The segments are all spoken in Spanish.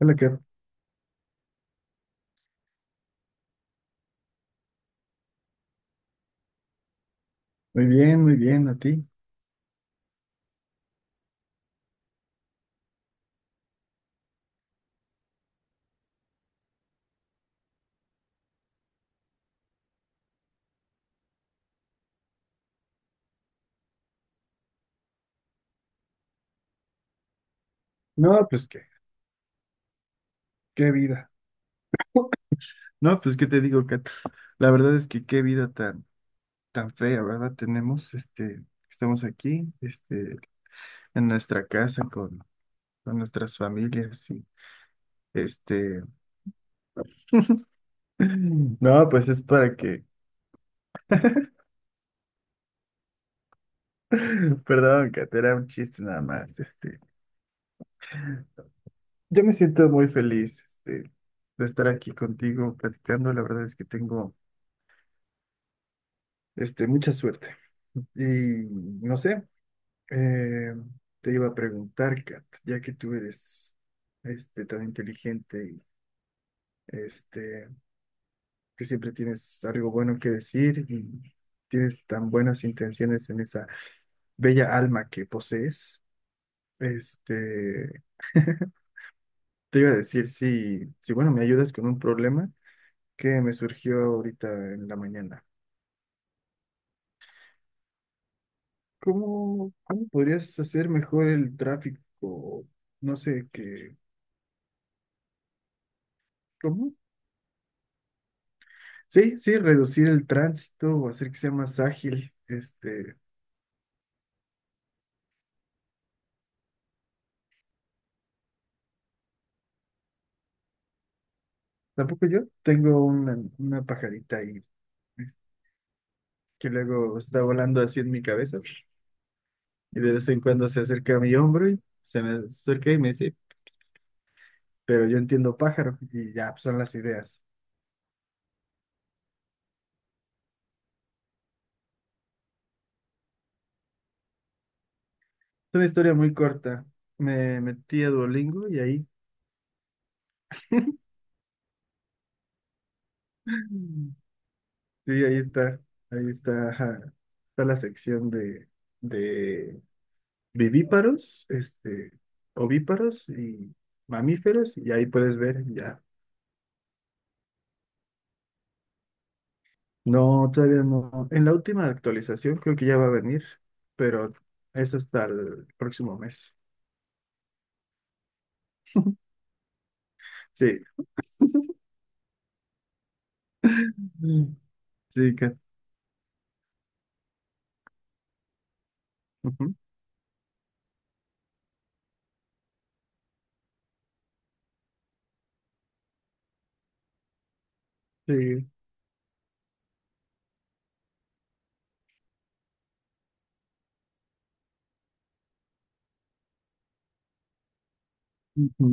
Hola, Kat. Muy bien, ¿a ti? No, pues qué, qué vida. No, pues qué te digo, Kat. La verdad es que qué vida tan, tan fea, ¿verdad? Tenemos, estamos aquí, en nuestra casa con nuestras familias y, este, no, pues es para que, perdón, Kat, era un chiste nada más, Yo me siento muy feliz, de estar aquí contigo platicando. La verdad es que tengo, mucha suerte. Y no sé. Eh, Te iba a preguntar, Kat, ya que tú eres tan inteligente y este, que siempre tienes algo bueno que decir y tienes tan buenas intenciones en esa bella alma que posees, este, te iba a decir si, si, bueno, me ayudas con un problema que me surgió ahorita en la mañana. ¿Cómo, cómo podrías hacer mejor el tráfico? No sé, qué. ¿Cómo? Sí, sí, reducir el tránsito o hacer que sea más ágil. Tampoco yo tengo una pajarita ahí es- que luego está volando así en mi cabeza y de vez en cuando se acerca a mi hombro y se me acerca y me dice, pero yo entiendo pájaro y ya pues, son las ideas. Es una historia muy corta. Me metí a Duolingo y ahí, sí, ahí está, ajá, está la sección de, vivíparos, ovíparos y mamíferos, y ahí puedes ver ya. No, todavía no. En la última actualización creo que ya va a venir, pero eso hasta el próximo mes. Sí. Mm. Sí, que. Ujú. Sí. Ujú.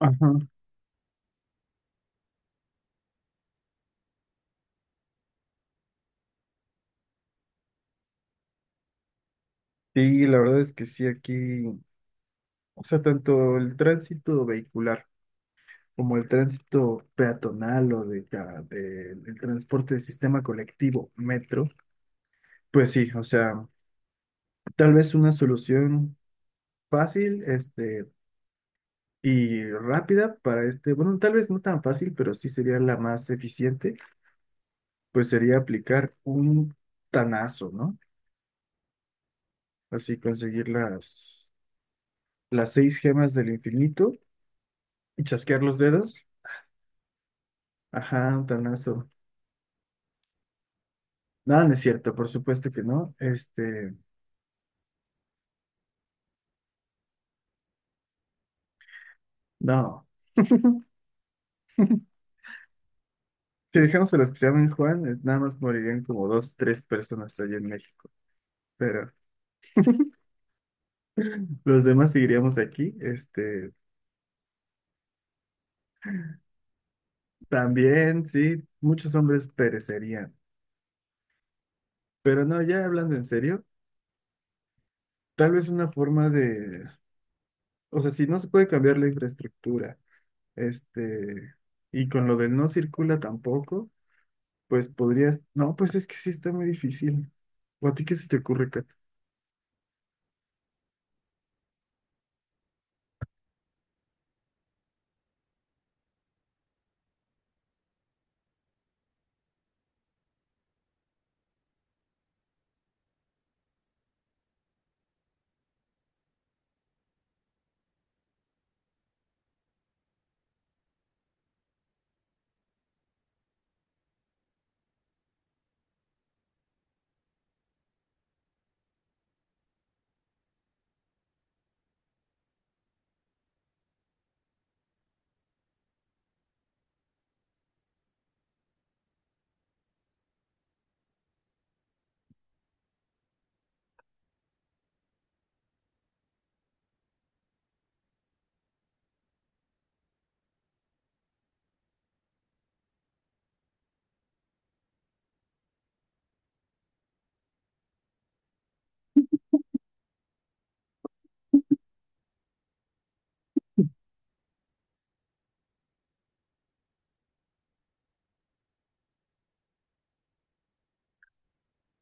Ajá. Sí, la verdad es que sí, aquí, o sea, tanto el tránsito vehicular como el tránsito peatonal o el transporte de sistema colectivo, metro, pues sí, o sea. Tal vez una solución fácil, y rápida para este, bueno, tal vez no tan fácil, pero sí sería la más eficiente, pues sería aplicar un tanazo, ¿no? Así conseguir las seis gemas del infinito y chasquear los dedos. Ajá, un tanazo. Nada, no es cierto, por supuesto que no. Este, no. Si dejamos a los que se llaman Juan, nada más morirían como dos, tres personas allá en México. Pero los demás seguiríamos aquí, este. También, sí, muchos hombres perecerían. Pero no, ya hablando en serio, tal vez una forma de, o sea, si no se puede cambiar la infraestructura, este, y con lo de no circula tampoco, pues podrías, no, pues es que sí está muy difícil. ¿O a ti qué se te ocurre, Kat?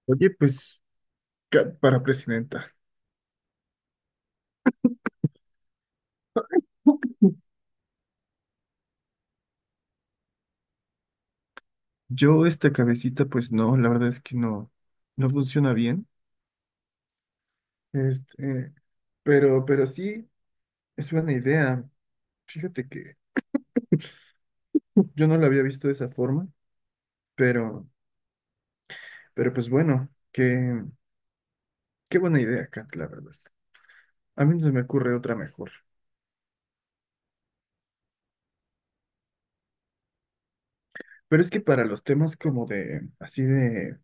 Oye, pues, Kat para presidenta. Yo esta cabecita, pues no, la verdad es que no, no funciona bien. Este, pero sí, es buena idea. Fíjate que yo no lo había visto de esa forma, pero, pero pues bueno, qué, qué buena idea, Kat, la verdad. A mí no se me ocurre otra mejor. Pero es que para los temas como de, así de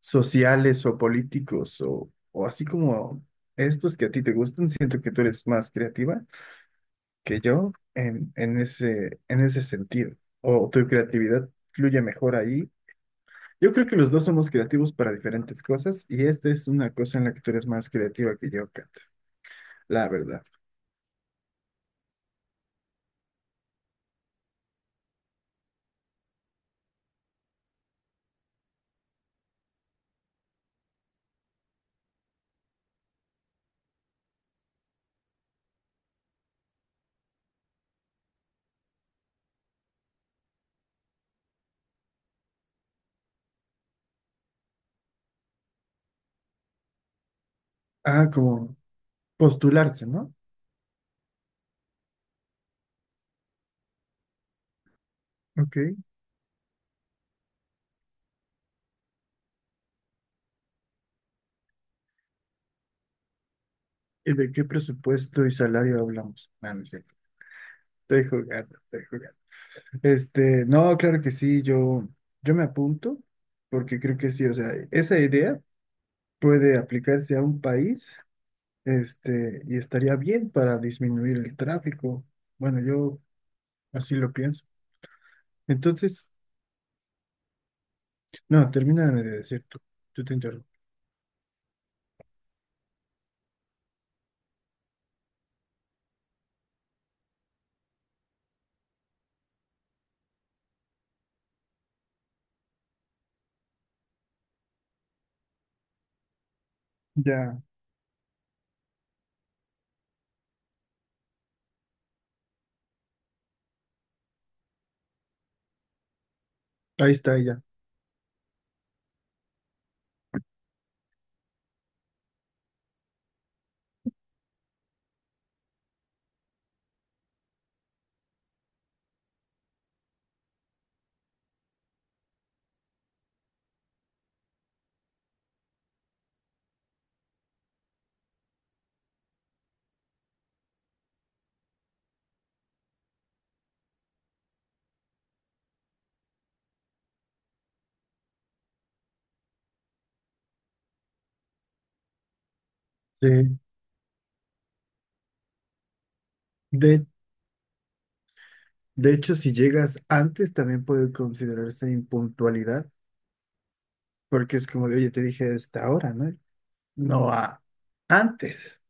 sociales o políticos o así como estos que a ti te gustan, siento que tú eres más creativa que yo en ese sentido. O tu creatividad fluye mejor ahí. Yo creo que los dos somos creativos para diferentes cosas y esta es una cosa en la que tú eres más creativa que yo, Kat, la verdad. Ah, como postularse, ¿no? Ok. ¿Y de qué presupuesto y salario hablamos? No, no es cierto. Estoy jugando, estoy jugando. Este, no, claro que sí, yo me apunto porque creo que sí, o sea, esa idea puede aplicarse a un país, y estaría bien para disminuir el tráfico. Bueno, yo así lo pienso. Entonces, no, termina de decir tú, tú te interrumpo. Ya, ahí está ella. Sí. De De hecho, si llegas antes, también puede considerarse impuntualidad, porque es como de, oye, te dije a esta hora, ¿no? No a antes,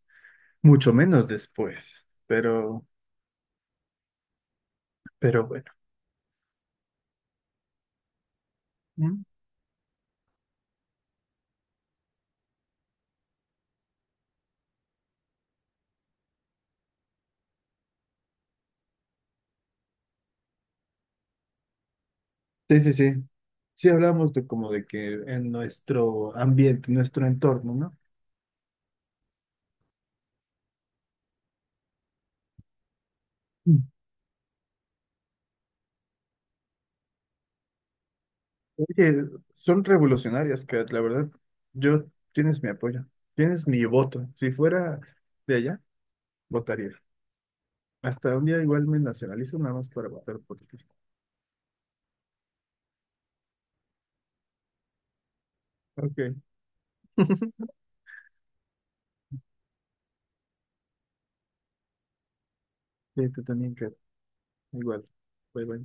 mucho menos después, pero bueno. ¿Mm? Sí, sí, sí. Sí hablamos de como de que en nuestro ambiente, nuestro entorno, ¿no? Mm. Oye, son revolucionarias, Kat, la verdad. Yo, tienes mi apoyo, tienes mi voto. Si fuera de allá, votaría. Hasta un día igual me nacionalizo nada más para votar por ti. Ok. Sí, tú también, Kat. Igual. Bye, bye.